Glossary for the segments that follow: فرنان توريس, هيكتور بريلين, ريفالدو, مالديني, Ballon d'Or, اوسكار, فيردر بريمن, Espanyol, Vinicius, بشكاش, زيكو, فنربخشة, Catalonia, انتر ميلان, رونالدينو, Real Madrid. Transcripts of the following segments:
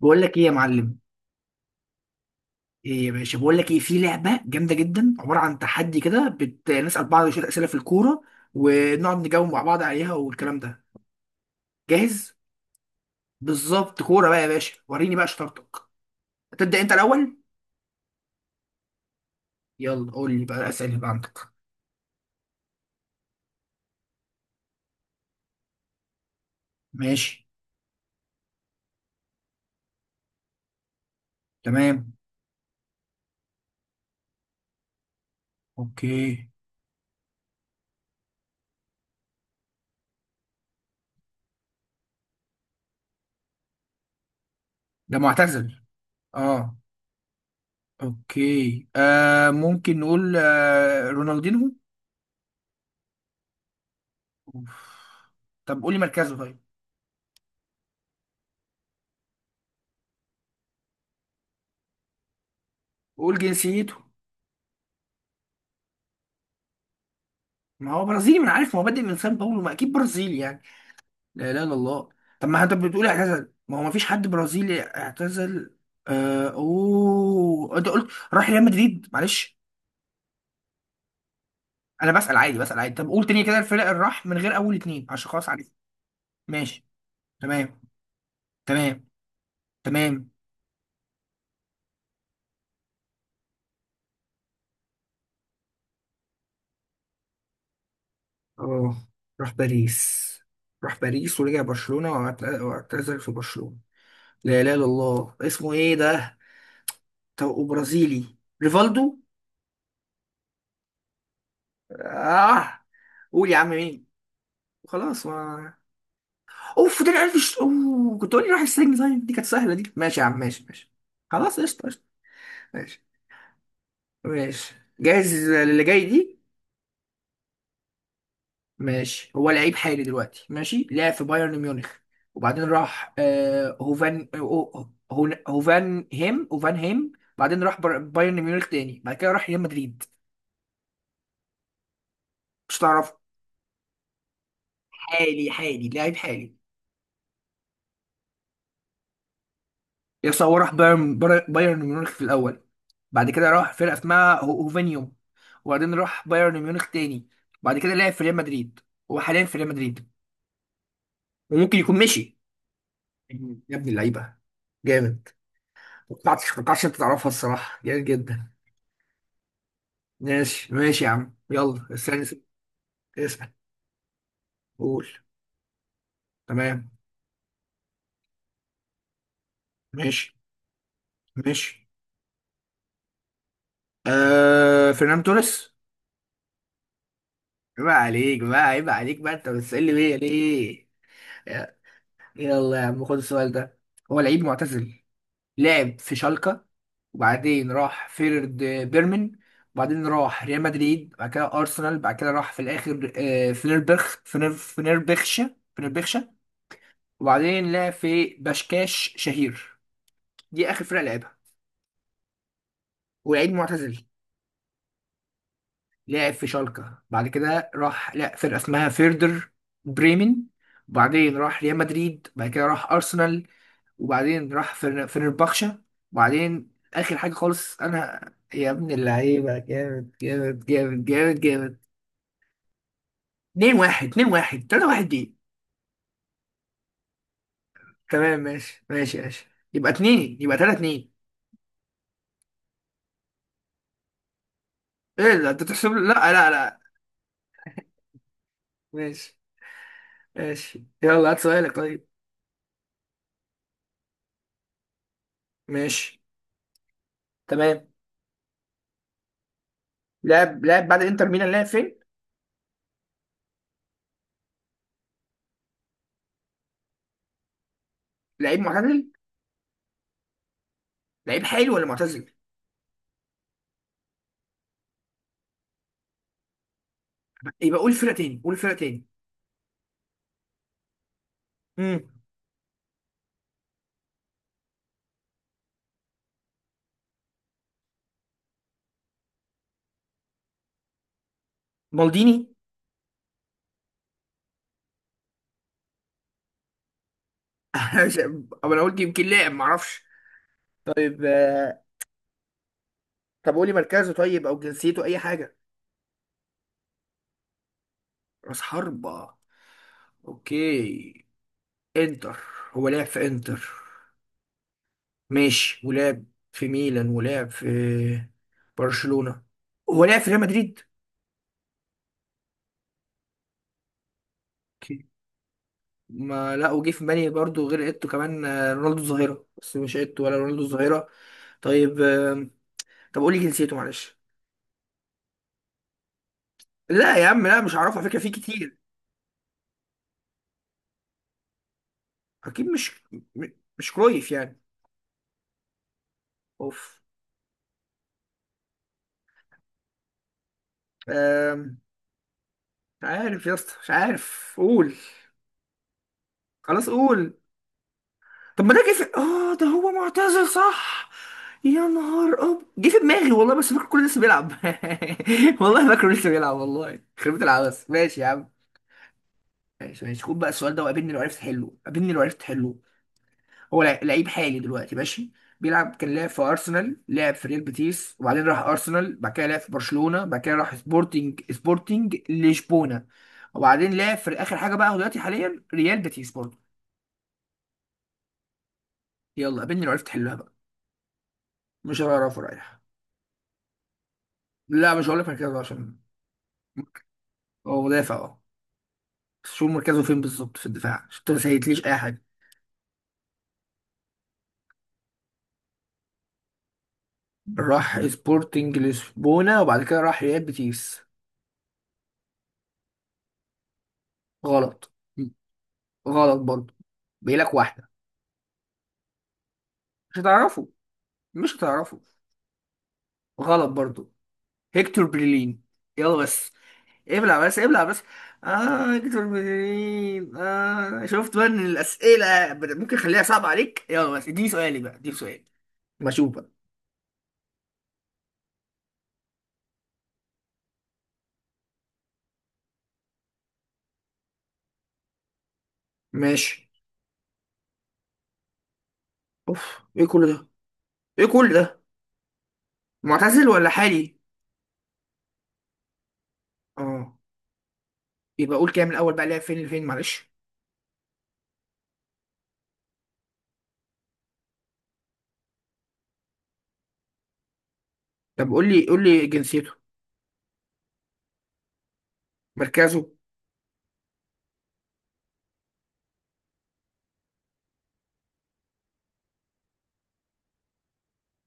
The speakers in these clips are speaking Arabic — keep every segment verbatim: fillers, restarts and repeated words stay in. بقول لك ايه يا معلم؟ ايه يا باشا، بقول لك ايه، في لعبه جامده جدا، عباره عن تحدي كده. بت... نسال بعض شويه اسئله في الكوره، ونقعد نجاوب مع بعض عليها والكلام ده. جاهز؟ بالظبط. كوره بقى يا باشا، وريني بقى شطارتك. تبدا انت الاول. يلا قول لي بقى الاسئله اللي بقى عندك. ماشي. تمام. اوكي. ده معتزل؟ اه. اوكي، آه ممكن نقول آه رونالدينو؟ أوف. طب قول لي مركزه طيب. قول جنسيته. ما هو برازيلي، ما انا عارف، ما هو بادئ من سان باولو، ما اكيد برازيلي يعني. لا اله الا الله. طب ما انت بتقول اعتزل، ما هو ما فيش حد برازيلي اعتزل. آه، اوه، انت قلت راح ريال مدريد، معلش. انا بسأل عادي، بسأل عادي. طب قول تاني كده الفرق اللي راح من غير اول اتنين، عشان خلاص عارف. ماشي. تمام. تمام تمام اه. راح باريس. راح باريس ورجع برشلونة واعت- واعتزل في برشلونة. لا اله الا الله، اسمه ايه ده؟ طب وبرازيلي؟ ريفالدو. اه. قول يا عم، مين؟ خلاص، ما. اوف، ده عارف ش... اوه، كنت اقول لي روح السجن. طيب، دي كانت سهله دي. ماشي يا عم، ماشي ماشي خلاص، قشطه قشطه. ماشي ماشي، جاهز للي جاي دي؟ ماشي. هو لعيب حالي دلوقتي، ماشي، لعب في بايرن ميونخ، وبعدين راح آه هوفان هو- هو- هوفان هيم هوفان هيم. بعدين راح بر- بايرن ميونخ تاني، بعد كده راح ريال مدريد. مش تعرف؟ حالي، حالي، لعيب حالي. يس، هو راح بايرن، بايرن ميونخ في الاول، بعد كده راح فرقه اسمها هو- هوفانيوم، وبعدين راح بايرن ميونخ تاني، بعد كده لعب في ريال مدريد، هو حاليا في ريال مدريد، وممكن يكون مشي. يا ابن اللعيبه، جامد. ما توقعتش، ما توقعتش انت تعرفها الصراحه، جامد جدا. ماشي ماشي يا عم، يلا، استنى اسال. اسأل. قول. تمام. ماشي ماشي. آه، فرنان توريس. عيب عليك بقى، عيب عليك بقى، انت بتسألني ليه، ليه؟ يلا يا عم، خد السؤال ده. هو لعيب معتزل، لعب في شالكة، وبعدين راح فيرد، بيرمن، وبعدين راح ريال مدريد، بعد كده أرسنال، بعد كده راح في الآخر، آه، فنربخ فنر فنربخشة فنربخشة، وبعدين لعب في بشكاش شهير، دي آخر فرقة لعبها، ولعيب معتزل. لعب في شالكة، بعد كده راح لا فرقة اسمها فيردر، بريمن، وبعدين راح ريال مدريد، بعد كده راح أرسنال، وبعدين راح فن- فنربخشة، وبعدين آخر حاجة خالص أنا. يا ابن اللعيبة، جامد جامد جامد جامد جامد. اتنين واحد اتنين واحد تلاتة واحد دي؟ تمام ماشي ماشي ماشي، يبقى اتنين، يبقى تلاتة اتنين. ايه ده انت تحسب، لا لا لا. ماشي ماشي، يلا هات سؤالك طيب. ماشي. تمام. لاعب، لاعب بعد انتر ميلان لاعب فين؟ لعيب معتزل؟ لعيب حالي ولا معتزل؟ يبقى قول فرقة تاني، قول فرقة تاني. امم، مالديني. مش- أما انا قلت يمكن لاعب، معرفش. طيب، آه، طب قولي مركزه طيب، او جنسيته، اي حاجه. راس حربة. اوكي. انتر، هو لعب في انتر، ماشي، ولعب في ميلان، ولعب في برشلونة، هو لعب في ريال مدريد؟ اوكي. ما لا، وجه في بالي برضه غير ايتو، كمان آه، رونالدو الظاهرة، بس مش ايتو ولا رونالدو الظاهرة. طيب، آم، طب قولي جنسيته معلش. لا يا عم، لا، مش هعرفه على فكرة، في كتير. اكيد مش، م- مش كرويف يعني؟ اوف. آم، مش عارف يا اسطى، مش عارف، قول. خلاص قول. طب ما ده جه في اه، ده هو معتزل صح؟ يا نهار اب، جه في دماغي والله، بس فاكر كله لسه بيلعب. والله فاكره لسه بيلعب، والله خربت العبس. ماشي يا عم، ماشي ماشي. خد بقى السؤال ده، وقابلني لو عرفت حله، قابلني لو عرفت حله. هو لع- لعيب حالي دلوقتي، ماشي، بيلعب، كان لعب في ارسنال، لعب في ريال بيتيس، وبعدين راح ارسنال، بعد كده لعب في برشلونة، بعد كده راح سبورتنج سبورتنج لشبونة، وبعدين لعب في اخر حاجة بقى، هو دلوقتي حاليا ريال بيتيس برضه. يلا قابلني لو عرفت حلها بقى. مش هعرفه رايح. لا، مش هقول لك مركزه عشان. هو مدافع اه، بس شوف مركزه فين بالظبط في الدفاع، عشان ما سهلتليش اي حاجه. راح سبورتنج لشبونه وبعد كده راح ريال بيتيس. غلط. غلط برضه. بيقولك واحده مش هتعرفه، مش هتعرفه. غلط برضه. هيكتور بريلين. يلا بس، ابلع بس، ابلع بس. اه، هيكتور بريلين، اه. شفت بقى ان الاسئله بت- ممكن اخليها صعبه عليك. يلا بس اديني سؤالي بقى، اديني سؤالي. ما اشوف بقى. ماشي. اوف، ايه كل ده؟ ايه كل ده؟ معتزل ولا حالي؟ اه. يبقى قول كده من الاول بقى، لعب فين لفين، معلش. طب قول لي، قول لي جنسيته. مركزه.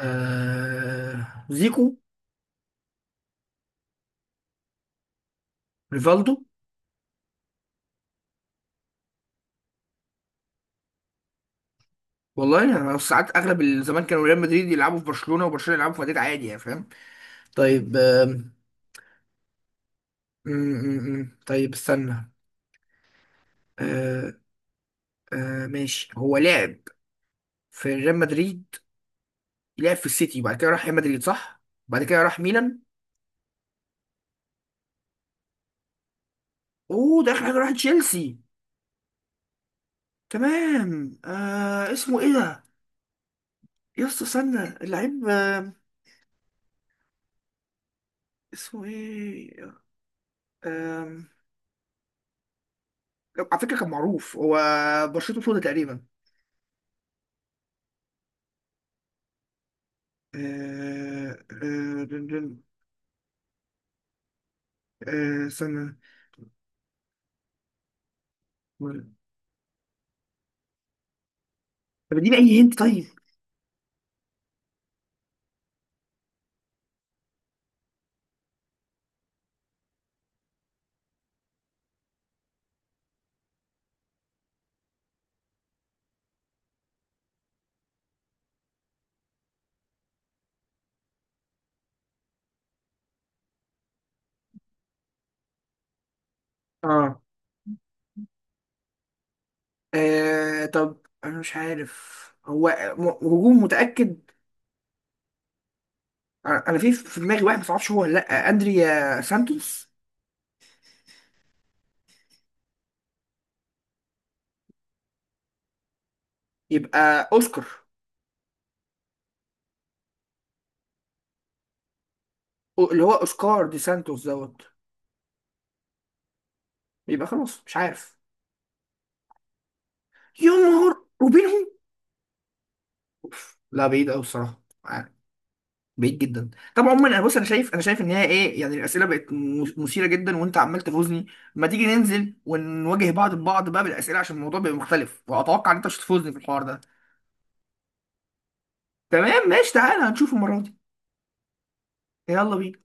آه... زيكو. ريفالدو. والله انا ساعات اغلب الزمان كانوا ريال مدريد يلعبوا في برشلونة، وبرشلونة يلعبوا في مدريد عادي يعني، فاهم. طيب آه... م -م -م. طيب استنى. آه... آه... ماشي، هو لعب في ريال مدريد، لعب في السيتي، وبعد كده راح ريال مدريد صح؟ بعد كده راح ميلان. اوه، ده اخر حاجة، راح تشيلسي. تمام. آه... اسمه ايه ده؟ يا اسطى، استنى، اللعيب آم، اسمه ايه؟ آم، على فكره كان معروف هو، بشرته سودا تقريبا. آه، آه، دن- دن- آه، استنى. طب اديني اي هنت طيب. اه. آه، طب انا مش عارف هو، م- هجوم متاكد؟ انا في في دماغي واحد، بس معرفش هو ولا لا، اندريا سانتوس. يبقى اوسكار. أو- اللي هو اوسكار دي سانتوس دوت. يبقى خلاص مش عارف. يا نهار، وبينهم! أوف. لا، بعيد قوي الصراحه، بعيد جدا. طب عموما، انا بص، انا شايف، انا شايف ان هي ايه يعني، الاسئله بقت م- مثيره جدا، وانت عمال تفوزني. ما تيجي ننزل ونواجه بعض ببعض بقى بالاسئله، عشان الموضوع بيبقى مختلف، واتوقع ان انت مش هتفوزني في الحوار ده. تمام ماشي، تعالى هنشوف المره دي. يلا بينا.